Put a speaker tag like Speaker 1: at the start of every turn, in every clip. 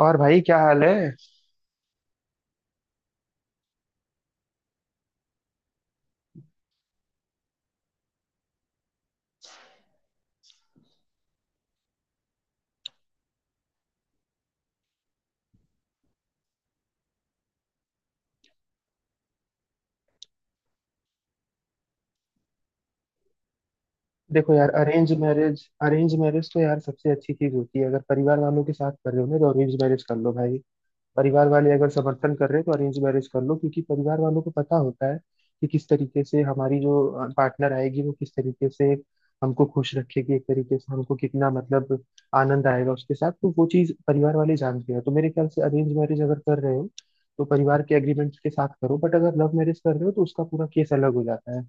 Speaker 1: और भाई क्या हाल है। देखो यार, अरेंज मैरिज तो यार सबसे अच्छी चीज होती है, अगर परिवार वालों के साथ कर रहे हो ना तो अरेंज मैरिज कर लो भाई। परिवार वाले अगर समर्थन कर रहे हैं तो अरेंज मैरिज कर लो, क्योंकि परिवार वालों को पता होता है कि किस तरीके से हमारी जो पार्टनर आएगी, वो किस तरीके से हमको खुश रखेगी, एक तरीके से हमको कितना मतलब आनंद आएगा उसके साथ। तो वो चीज परिवार वाले जानते हैं, तो मेरे ख्याल से अरेंज मैरिज अगर कर रहे हो तो परिवार के एग्रीमेंट के साथ करो। बट अगर लव मैरिज कर रहे हो तो उसका पूरा केस अलग हो जाता है।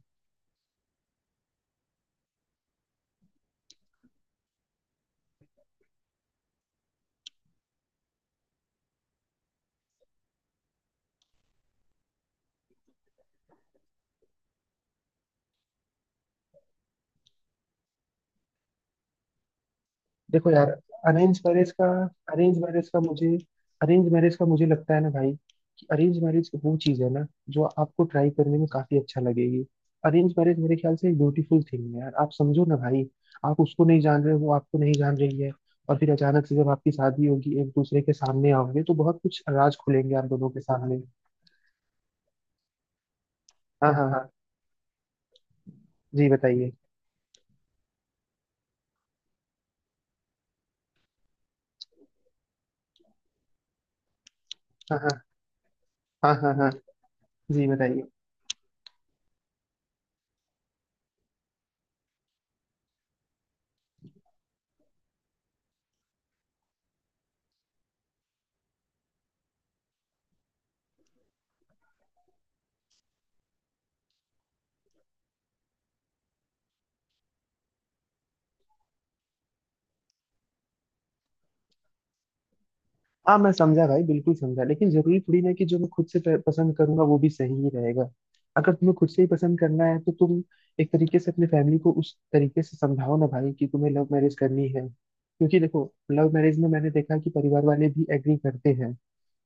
Speaker 1: देखो यार, अरेंज मैरिज का अरेंज मैरिज का मुझे अरेंज मैरिज का मुझे लगता है ना भाई, कि अरेंज मैरिज वो चीज है ना जो आपको ट्राई करने में काफी अच्छा लगेगी। अरेंज मैरिज मेरे ख्याल से एक ब्यूटीफुल थिंग है यार, आप समझो ना भाई। आप उसको नहीं जान रहे हो, वो आपको नहीं जान रही है, और फिर अचानक से जब आपकी शादी होगी, एक दूसरे के सामने आओगे तो बहुत कुछ राज खुलेंगे आप दोनों के सामने। हाँ हाँ हाँ। जी बताइए। हाँ हाँ हाँ। हाँ हाँ। जी बताइए। हाँ, मैं समझा भाई, बिल्कुल समझा। लेकिन जरूरी थोड़ी ना है कि जो मैं खुद से पसंद करूंगा वो भी सही ही रहेगा। अगर तुम्हें खुद से ही पसंद करना है तो तुम एक तरीके से अपने फैमिली को उस तरीके से समझाओ ना भाई, कि तुम्हें लव मैरिज करनी है। क्योंकि देखो, लव मैरिज में मैंने देखा कि परिवार वाले भी एग्री करते हैं,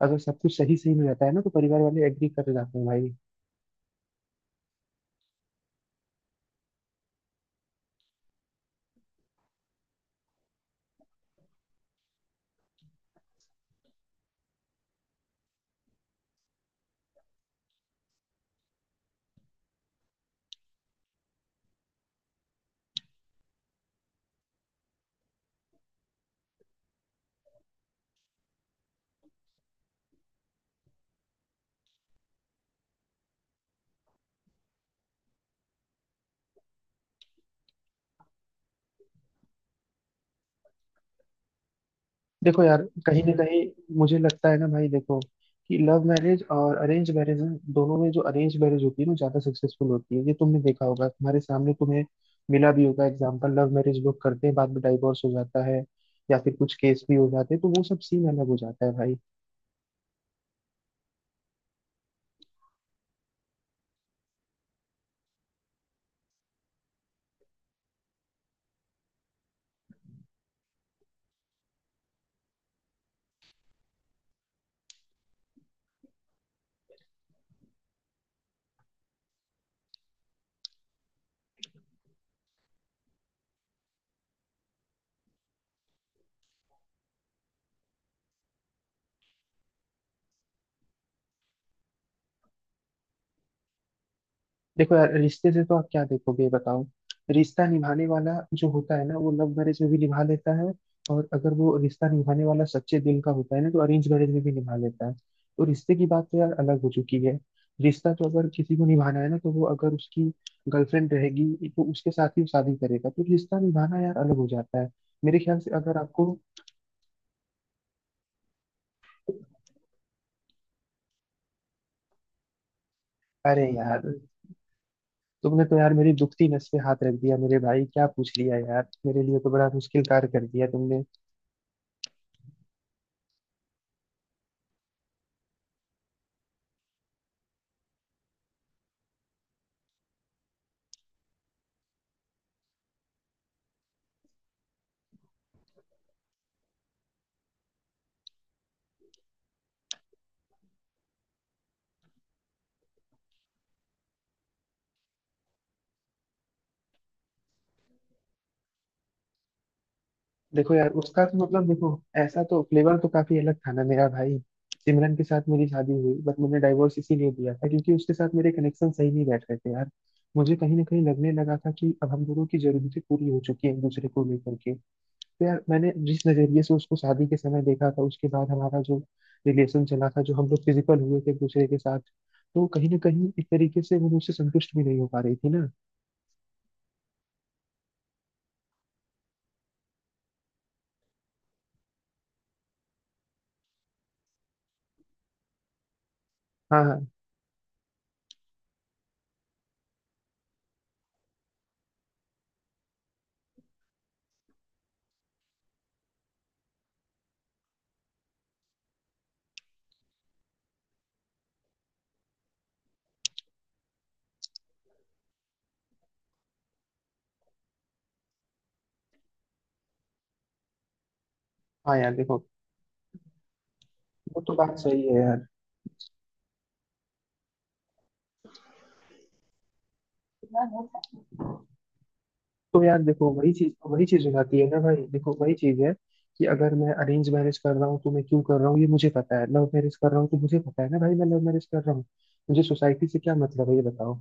Speaker 1: अगर सब कुछ सही सही में रहता है ना तो परिवार वाले एग्री कर जाते हैं भाई। देखो यार, कहीं ना कहीं मुझे लगता है ना भाई, देखो, कि लव मैरिज और अरेंज मैरिज में, दोनों में, जो अरेंज मैरिज होती है ना ज्यादा सक्सेसफुल होती है। ये तुमने देखा होगा, तुम्हारे सामने तुम्हें मिला भी होगा एग्जाम्पल। लव मैरिज लोग करते हैं, बाद में डाइवोर्स हो जाता है, या फिर कुछ केस भी हो जाते हैं, तो वो सब सीन अलग हो जाता है भाई। देखो यार, रिश्ते से तो आप क्या देखोगे ये बताओ। रिश्ता निभाने वाला जो होता है ना वो लव मैरिज में भी निभा लेता है, और अगर वो रिश्ता निभाने वाला सच्चे दिल का होता है ना तो अरेंज मैरिज में भी निभा लेता है। तो रिश्ते की बात तो यार अलग हो चुकी है। रिश्ता तो अगर किसी को निभाना है ना, तो वो अगर उसकी गर्लफ्रेंड रहेगी तो उसके साथ ही वो शादी करेगा, तो रिश्ता निभाना यार अलग हो जाता है। मेरे ख्याल से अगर आपको। अरे यार, तुमने तो यार मेरी दुखती नस पे हाथ रख दिया मेरे भाई। क्या पूछ लिया यार, मेरे लिए तो बड़ा मुश्किल कार्य कर दिया तुमने। देखो यार, उसका तो मतलब, देखो, ऐसा तो फ्लेवर तो काफी अलग था ना मेरा भाई। सिमरन के साथ मेरी शादी हुई बट मैंने डाइवोर्स इसीलिए दिया था क्योंकि उसके साथ मेरे कनेक्शन सही नहीं बैठ रहे थे यार। मुझे कहीं ना कहीं लगने लगा था कि अब हम दोनों की जरूरतें पूरी हो चुकी हैं एक दूसरे को लेकर के। तो यार, मैंने जिस नजरिए से उसको शादी के समय देखा था, उसके बाद हमारा जो रिलेशन चला था, जो हम लोग फिजिकल हुए थे एक दूसरे के साथ, तो कहीं ना कहीं एक तरीके से वो मुझसे संतुष्ट भी नहीं हो पा रही थी ना। हाँ हाँ हाँ। यार देखो, वो तो बात सही है। यार तो यार देखो, वही चीज हो जाती है ना भाई, देखो वही चीज है, कि अगर मैं अरेंज मैरिज कर रहा हूँ तो मैं क्यों कर रहा हूँ ये मुझे पता है। लव मैरिज कर रहा हूँ तो मुझे पता है ना भाई मैं लव मैरिज कर रहा हूँ। मुझे सोसाइटी से क्या मतलब है ये बताओ।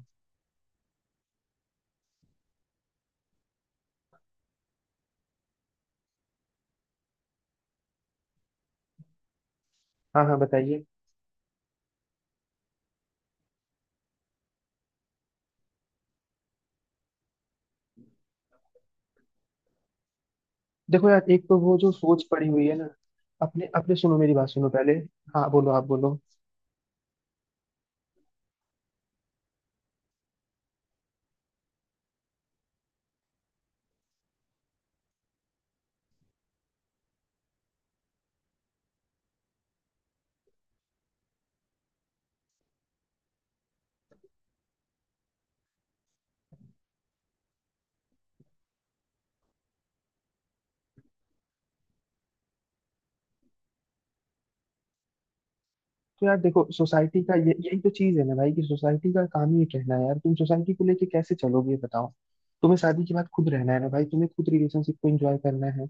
Speaker 1: हाँ हाँ बताइए। देखो यार, एक तो वो जो सोच पड़ी हुई है ना, अपने अपने सुनो, मेरी बात सुनो पहले। हाँ, बोलो आप, बोलो। तो यार देखो, सोसाइटी का ये यही तो चीज है ना भाई, कि सोसाइटी का काम ही ये कहना है। यार तुम सोसाइटी को लेके कैसे चलोगे ये बताओ। तुम्हें शादी के बाद खुद रहना है ना भाई, तुम्हें खुद रिलेशनशिप को एंजॉय करना है।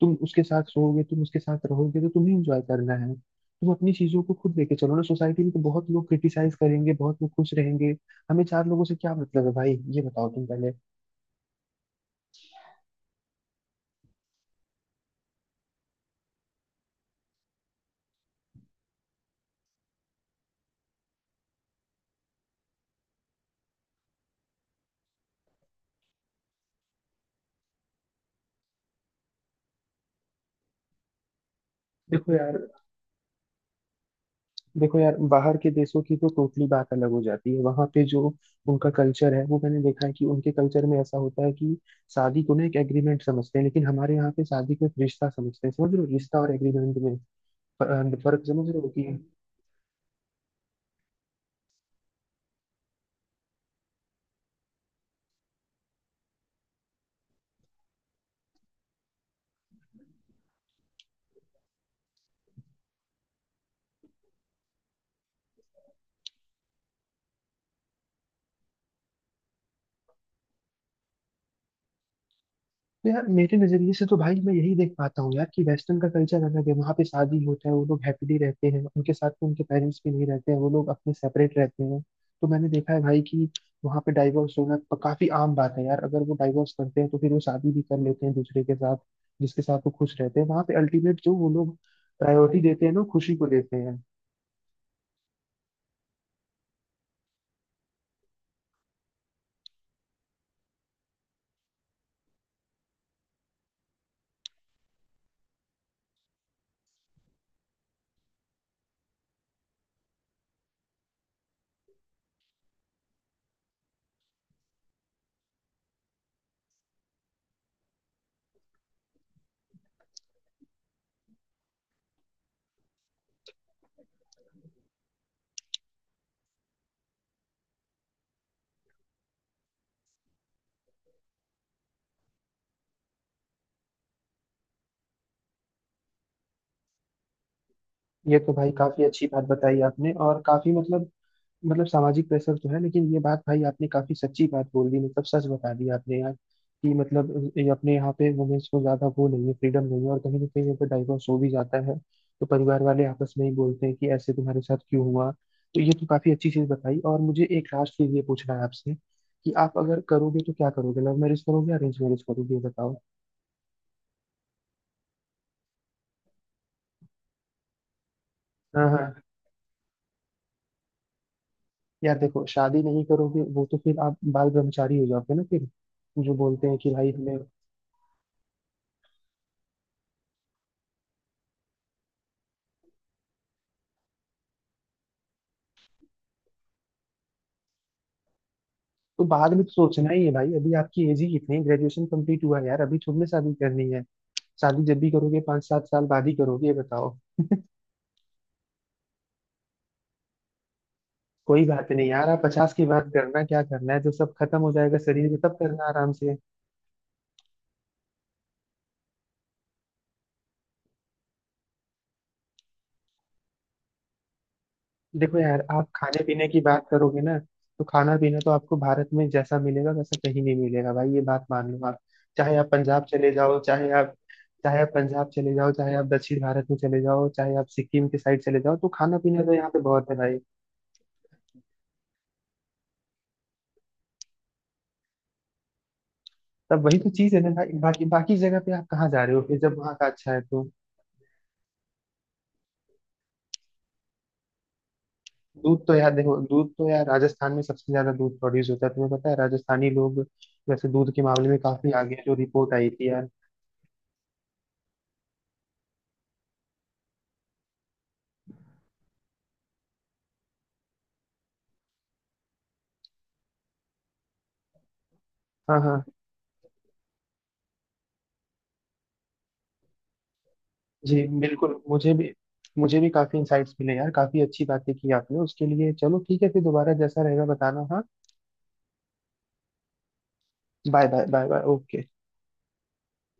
Speaker 1: तुम उसके साथ सोओगे, तुम उसके साथ रहोगे, तो तुम्हें इंजॉय करना है। तुम अपनी चीजों को खुद लेके चलो ना। सोसाइटी में तो बहुत लोग क्रिटिसाइज करेंगे, बहुत लोग खुश रहेंगे। हमें चार लोगों से क्या मतलब है भाई, ये बताओ तुम पहले। देखो यार देखो यार, बाहर के देशों की तो टोटली बात अलग हो जाती है। वहां पे जो उनका कल्चर है, वो मैंने देखा है कि उनके कल्चर में ऐसा होता है कि शादी को ना एक एग्रीमेंट समझते हैं, लेकिन हमारे यहाँ पे शादी को एक रिश्ता समझते हैं। समझ रहे हो, रिश्ता और एग्रीमेंट में फर्क, समझ रहे हो कि। तो यार मेरे नजरिए से तो भाई मैं यही देख पाता हूँ यार, कि वेस्टर्न का कल्चर अलग है, वहाँ पे शादी होता है, वो लोग हैप्पीली रहते हैं, उनके साथ में उनके पेरेंट्स भी नहीं रहते हैं, वो लोग अपने सेपरेट रहते हैं। तो मैंने देखा है भाई कि वहाँ पे डाइवोर्स होना काफी आम बात है यार। अगर वो डाइवोर्स करते हैं तो फिर वो शादी भी कर लेते हैं दूसरे के साथ, जिसके साथ वो खुश रहते हैं। वहाँ पे अल्टीमेट जो वो लोग प्रायोरिटी देते हैं ना, वो खुशी को देते हैं। ये तो भाई काफी अच्छी बात बताई आपने, और काफी मतलब, मतलब सामाजिक प्रेशर तो है। लेकिन ये बात भाई आपने काफी सच्ची बात बोल दी, मतलब सच बता दी आपने यार, कि मतलब ये अपने यहाँ पे वुमेन्स को ज्यादा वो नहीं है, फ्रीडम नहीं है, और कहीं ना कहीं अगर डाइवोर्स हो भी जाता है तो परिवार वाले आपस में ही बोलते हैं कि ऐसे तुम्हारे साथ क्यों हुआ। तो ये तो काफी अच्छी चीज बताई, और मुझे एक लास्ट चीज ये पूछना है आपसे, कि आप अगर करोगे तो क्या करोगे, लव मैरिज करोगे या अरेंज मैरिज करोगे ये बताओ। हाँ हाँ। यार देखो, शादी नहीं करोगे वो तो फिर आप बाल ब्रह्मचारी हो जाओगे ना फिर। जो बोलते हैं कि भाई हमें। तो बाद में तो सोचना ही है भाई, अभी आपकी एज ही कितनी है, ग्रेजुएशन कंप्लीट हुआ है यार, अभी थोड़ी ना शादी करनी है। शादी जब भी करोगे 5-7 साल बाद ही करोगे, ये बताओ। कोई बात नहीं यार, आप 50 की बात करना क्या करना है, जब सब खत्म हो जाएगा शरीर में तब करना आराम से। देखो यार, आप खाने पीने की बात करोगे ना, तो खाना पीना तो आपको भारत में जैसा मिलेगा वैसा कहीं नहीं मिलेगा भाई। ये बात मान लो आप। चाहे आप पंजाब चले जाओ चाहे आप चाहे आप पंजाब चले जाओ, चाहे आप दक्षिण भारत में चले जाओ, चाहे आप सिक्किम के साइड चले जाओ, तो खाना पीना तो यहाँ पे बहुत है। तब वही तो चीज है ना भाई, बाकी बाकी जगह पे आप कहाँ जा रहे हो फिर, जब वहाँ का अच्छा है तो। दूध तो यार देखो, दूध तो यार राजस्थान में सबसे ज्यादा दूध प्रोड्यूस होता है, तुम्हें पता है राजस्थानी लोग वैसे दूध के मामले में काफी आगे हैं, जो रिपोर्ट आई थी यार। हाँ हाँ। जी बिल्कुल। मुझे भी काफी इंसाइट्स मिले यार, काफी अच्छी बातें की आपने उसके लिए। चलो ठीक है, फिर दोबारा जैसा रहेगा बताना हाँ। Bye bye bye bye. Okay.